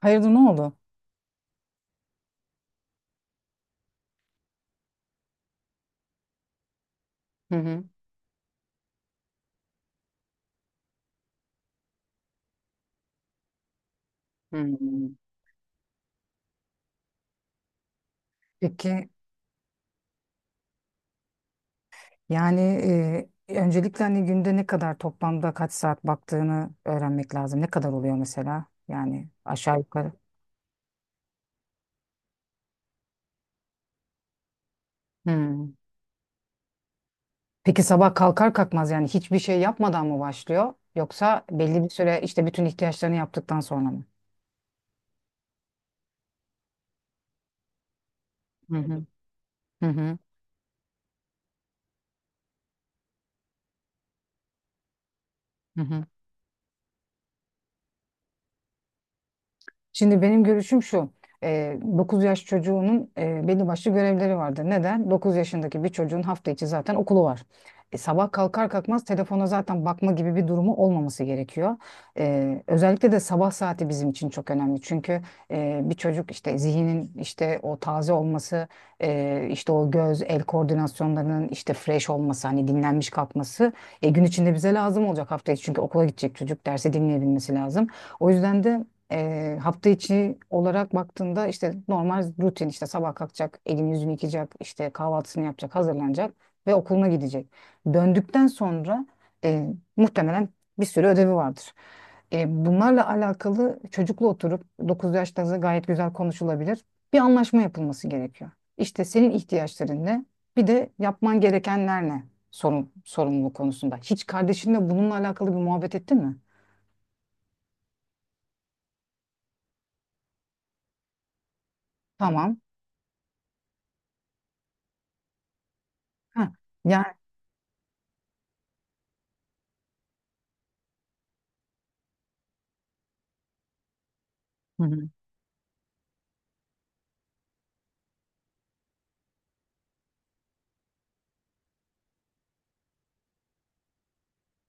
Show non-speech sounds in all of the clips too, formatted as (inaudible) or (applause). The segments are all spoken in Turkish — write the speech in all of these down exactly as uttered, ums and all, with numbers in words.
Hayırdır ne oldu? Hı hı. Hmm. Peki yani e, öncelikle hani günde ne kadar toplamda kaç saat baktığını öğrenmek lazım. Ne kadar oluyor mesela? Yani aşağı yukarı. Hmm. Peki sabah kalkar kalkmaz yani hiçbir şey yapmadan mı başlıyor? Yoksa belli bir süre işte bütün ihtiyaçlarını yaptıktan sonra mı? Hı hı. Hı hı. Hı hı. Şimdi benim görüşüm şu. E, dokuz yaş çocuğunun e, belli başlı görevleri vardır. Neden? Dokuz yaşındaki bir çocuğun hafta içi zaten okulu var. E, sabah kalkar kalkmaz telefona zaten bakma gibi bir durumu olmaması gerekiyor. E, özellikle de sabah saati bizim için çok önemli. Çünkü e, bir çocuk işte zihnin işte o taze olması, e, işte o göz el koordinasyonlarının işte fresh olması, hani dinlenmiş kalkması e, gün içinde bize lazım olacak hafta içi. Çünkü okula gidecek çocuk derse dinleyebilmesi lazım. O yüzden de Eee, hafta içi olarak baktığında işte normal rutin işte sabah kalkacak, elini yüzünü yıkayacak, işte kahvaltısını yapacak, hazırlanacak ve okuluna gidecek. Döndükten sonra eee, muhtemelen bir sürü ödevi vardır. Eee, bunlarla alakalı çocukla oturup dokuz yaşlarında gayet güzel konuşulabilir. Bir anlaşma yapılması gerekiyor. İşte senin ihtiyaçların ne? Bir de yapman gerekenler ne? Sorun, sorumluluk konusunda. Hiç kardeşinle bununla alakalı bir muhabbet ettin mi? Tamam. Ha, yani... Hı hı.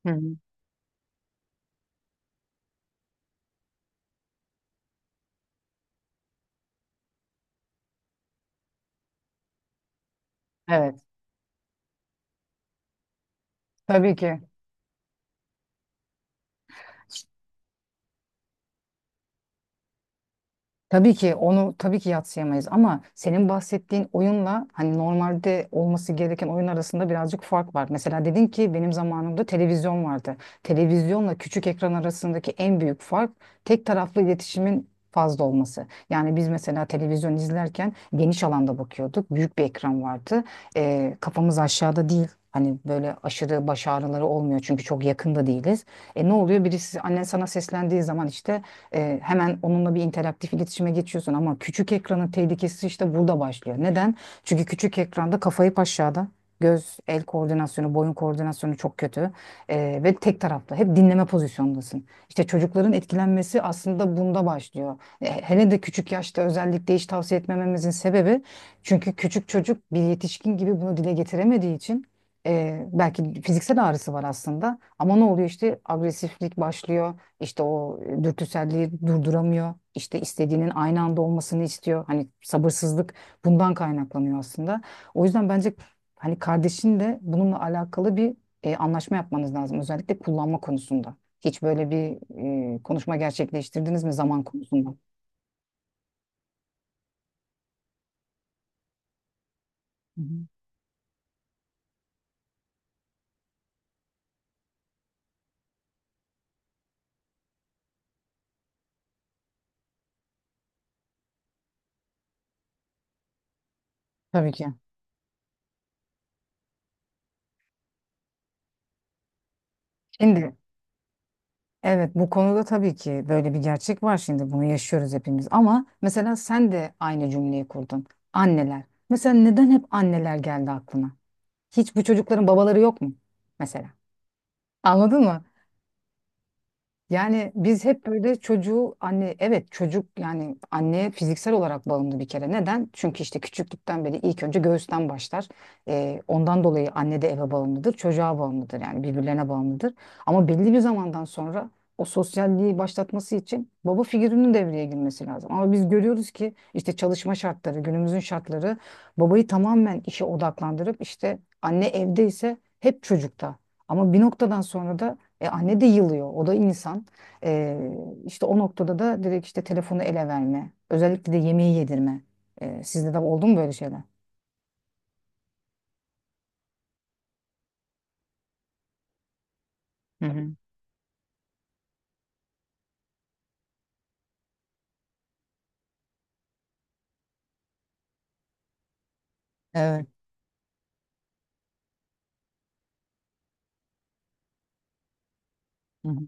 Hı hı. Evet, tabii ki. Tabii ki onu tabii ki yadsıyamayız ama senin bahsettiğin oyunla hani normalde olması gereken oyun arasında birazcık fark var. Mesela dedin ki benim zamanımda televizyon vardı. Televizyonla küçük ekran arasındaki en büyük fark tek taraflı iletişimin fazla olması. Yani biz mesela televizyon izlerken geniş alanda bakıyorduk. Büyük bir ekran vardı. Ee, kafamız aşağıda değil. Hani böyle aşırı baş ağrıları olmuyor çünkü çok yakında değiliz. E ne oluyor? Birisi annen sana seslendiği zaman işte Ee, hemen onunla bir interaktif iletişime geçiyorsun ama küçük ekranın tehlikesi işte burada başlıyor. Neden? Çünkü küçük ekranda kafayı aşağıda. Göz, el koordinasyonu, boyun koordinasyonu çok kötü Ee, ve tek taraflı. Hep dinleme pozisyondasın. İşte çocukların etkilenmesi aslında bunda başlıyor. E, hele de küçük yaşta özellikle hiç tavsiye etmememizin sebebi çünkü küçük çocuk bir yetişkin gibi bunu dile getiremediği için e, belki fiziksel ağrısı var aslında ama ne oluyor işte agresiflik başlıyor işte o e, dürtüselliği durduramıyor. İşte istediğinin aynı anda olmasını istiyor. Hani sabırsızlık bundan kaynaklanıyor aslında. O yüzden bence hani kardeşin de bununla alakalı bir e, anlaşma yapmanız lazım. Özellikle kullanma konusunda. Hiç böyle bir e, konuşma gerçekleştirdiniz mi zaman konusunda? Hı hı. Tabii ki. Şimdi evet bu konuda tabii ki böyle bir gerçek var, şimdi bunu yaşıyoruz hepimiz ama mesela sen de aynı cümleyi kurdun. Anneler. Mesela neden hep anneler geldi aklına? Hiç bu çocukların babaları yok mu? Mesela. Anladın mı? Yani biz hep böyle çocuğu anne evet çocuk yani anneye fiziksel olarak bağımlı bir kere. Neden? Çünkü işte küçüklükten beri ilk önce göğüsten başlar. Ee, ondan dolayı anne de eve bağımlıdır, çocuğa bağımlıdır yani birbirlerine bağımlıdır. Ama belli bir zamandan sonra o sosyalliği başlatması için baba figürünün devreye girmesi lazım. Ama biz görüyoruz ki işte çalışma şartları, günümüzün şartları babayı tamamen işe odaklandırıp işte anne evde ise hep çocukta. Ama bir noktadan sonra da e, anne de yılıyor. O da insan. E, işte o noktada da direkt işte telefonu ele verme. Özellikle de yemeği yedirme. E, sizde de oldu mu böyle şeyler? Hı hı. Evet. Hı hı.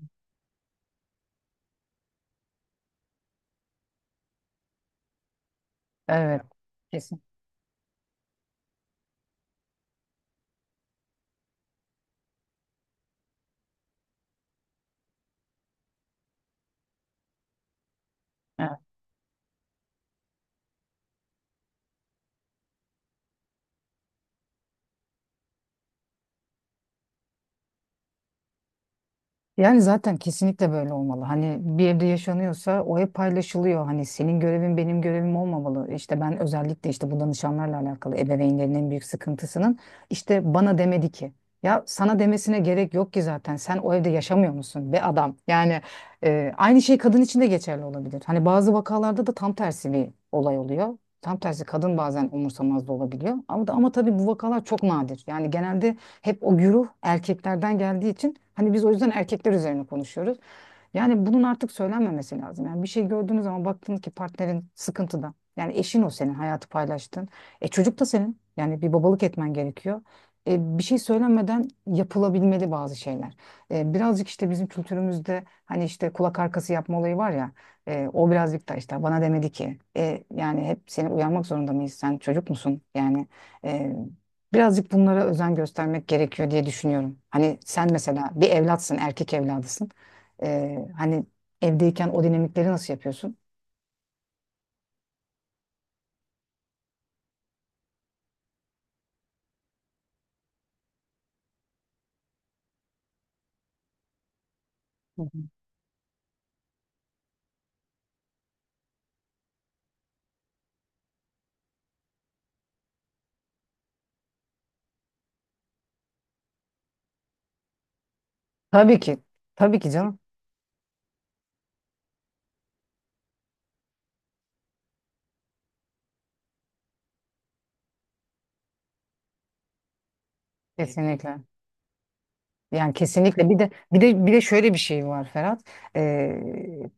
Evet. Kesin. Yani zaten kesinlikle böyle olmalı. Hani bir evde yaşanıyorsa o ev paylaşılıyor. Hani senin görevin benim görevim olmamalı. İşte ben özellikle işte bu danışanlarla alakalı ebeveynlerin en büyük sıkıntısının işte bana demedi ki. Ya sana demesine gerek yok ki zaten. Sen o evde yaşamıyor musun be adam? Yani e, aynı şey kadın için de geçerli olabilir. Hani bazı vakalarda da tam tersi bir olay oluyor. Tam tersi kadın bazen umursamaz da olabiliyor. Ama, ama tabii bu vakalar çok nadir. Yani genelde hep o güruh erkeklerden geldiği için hani biz o yüzden erkekler üzerine konuşuyoruz. Yani bunun artık söylenmemesi lazım. Yani bir şey gördüğünüz zaman baktınız ki partnerin sıkıntıda. Yani eşin o, senin hayatı paylaştın. E çocuk da senin. Yani bir babalık etmen gerekiyor. E, bir şey söylenmeden yapılabilmeli bazı şeyler. E, birazcık işte bizim kültürümüzde hani işte kulak arkası yapma olayı var ya. e, o birazcık da işte bana demedi ki. E, yani hep seni uyarmak zorunda mıyız? Sen çocuk musun? Yani e, birazcık bunlara özen göstermek gerekiyor diye düşünüyorum. Hani sen mesela bir evlatsın, erkek evladısın. Ee, hani evdeyken o dinamikleri nasıl yapıyorsun? Hı hı. Tabii ki. Tabii ki canım. Kesinlikle. Yani kesinlikle bir de bir de bir de şöyle bir şey var, Ferhat. Ee,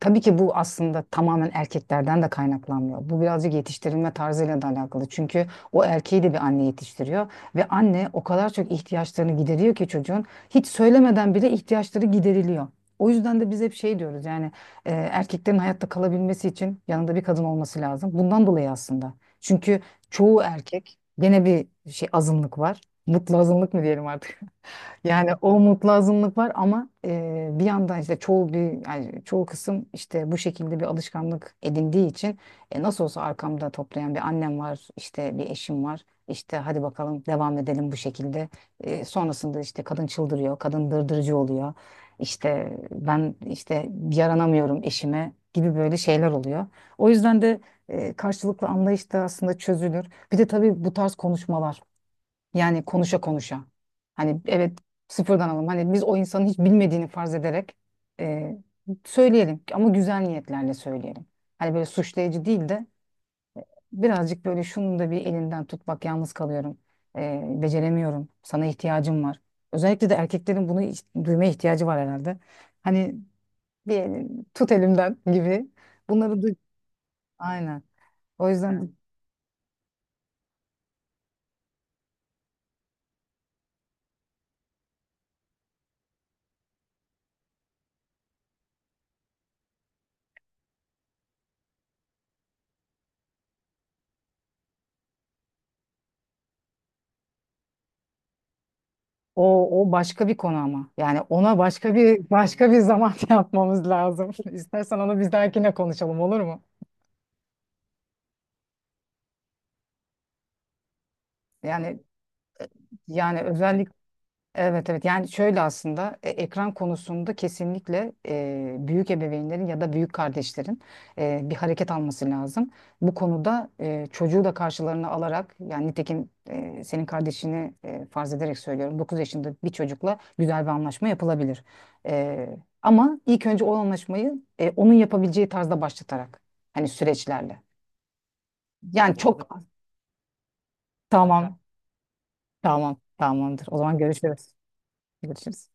tabii ki bu aslında tamamen erkeklerden de kaynaklanmıyor. Bu birazcık yetiştirilme tarzıyla da alakalı. Çünkü o erkeği de bir anne yetiştiriyor ve anne o kadar çok ihtiyaçlarını gideriyor ki çocuğun hiç söylemeden bile ihtiyaçları gideriliyor. O yüzden de biz hep şey diyoruz, yani e, erkeklerin hayatta kalabilmesi için yanında bir kadın olması lazım. Bundan dolayı aslında. Çünkü çoğu erkek gene bir şey azınlık var. Mutlu azınlık mı diyelim artık? Yani o mutlu azınlık var ama e, bir yandan işte çoğu bir yani çoğu kısım işte bu şekilde bir alışkanlık edindiği için e, nasıl olsa arkamda toplayan bir annem var, işte bir eşim var. İşte hadi bakalım devam edelim bu şekilde. E, sonrasında işte kadın çıldırıyor, kadın dırdırcı oluyor. İşte ben işte yaranamıyorum eşime gibi böyle şeyler oluyor. O yüzden de e, karşılıklı anlayış da aslında çözülür. Bir de tabii bu tarz konuşmalar. Yani konuşa konuşa. Hani evet, sıfırdan alalım. Hani biz o insanın hiç bilmediğini farz ederek e, söyleyelim ama güzel niyetlerle söyleyelim. Hani böyle suçlayıcı değil de birazcık böyle şunun da bir elinden tut, bak yalnız kalıyorum. E, beceremiyorum. Sana ihtiyacım var. Özellikle de erkeklerin bunu iç- duymaya ihtiyacı var herhalde. Hani bir elin- tut elimden gibi. Bunları duy. Aynen. O yüzden. O, o başka bir konu ama. Yani ona başka bir başka bir zaman (laughs) yapmamız lazım. İstersen onu bir dahakine konuşalım, olur mu? Yani yani özellik Evet evet, yani şöyle aslında e, ekran konusunda kesinlikle e, büyük ebeveynlerin ya da büyük kardeşlerin e, bir hareket alması lazım. Bu konuda e, çocuğu da karşılarına alarak yani nitekim e, senin kardeşini e, farz ederek söylüyorum, dokuz yaşında bir çocukla güzel bir anlaşma yapılabilir. E, ama ilk önce o anlaşmayı e, onun yapabileceği tarzda başlatarak, hani süreçlerle. Yani çok tamam, tamam, tamamdır, o zaman görüşürüz. Görüşürüz.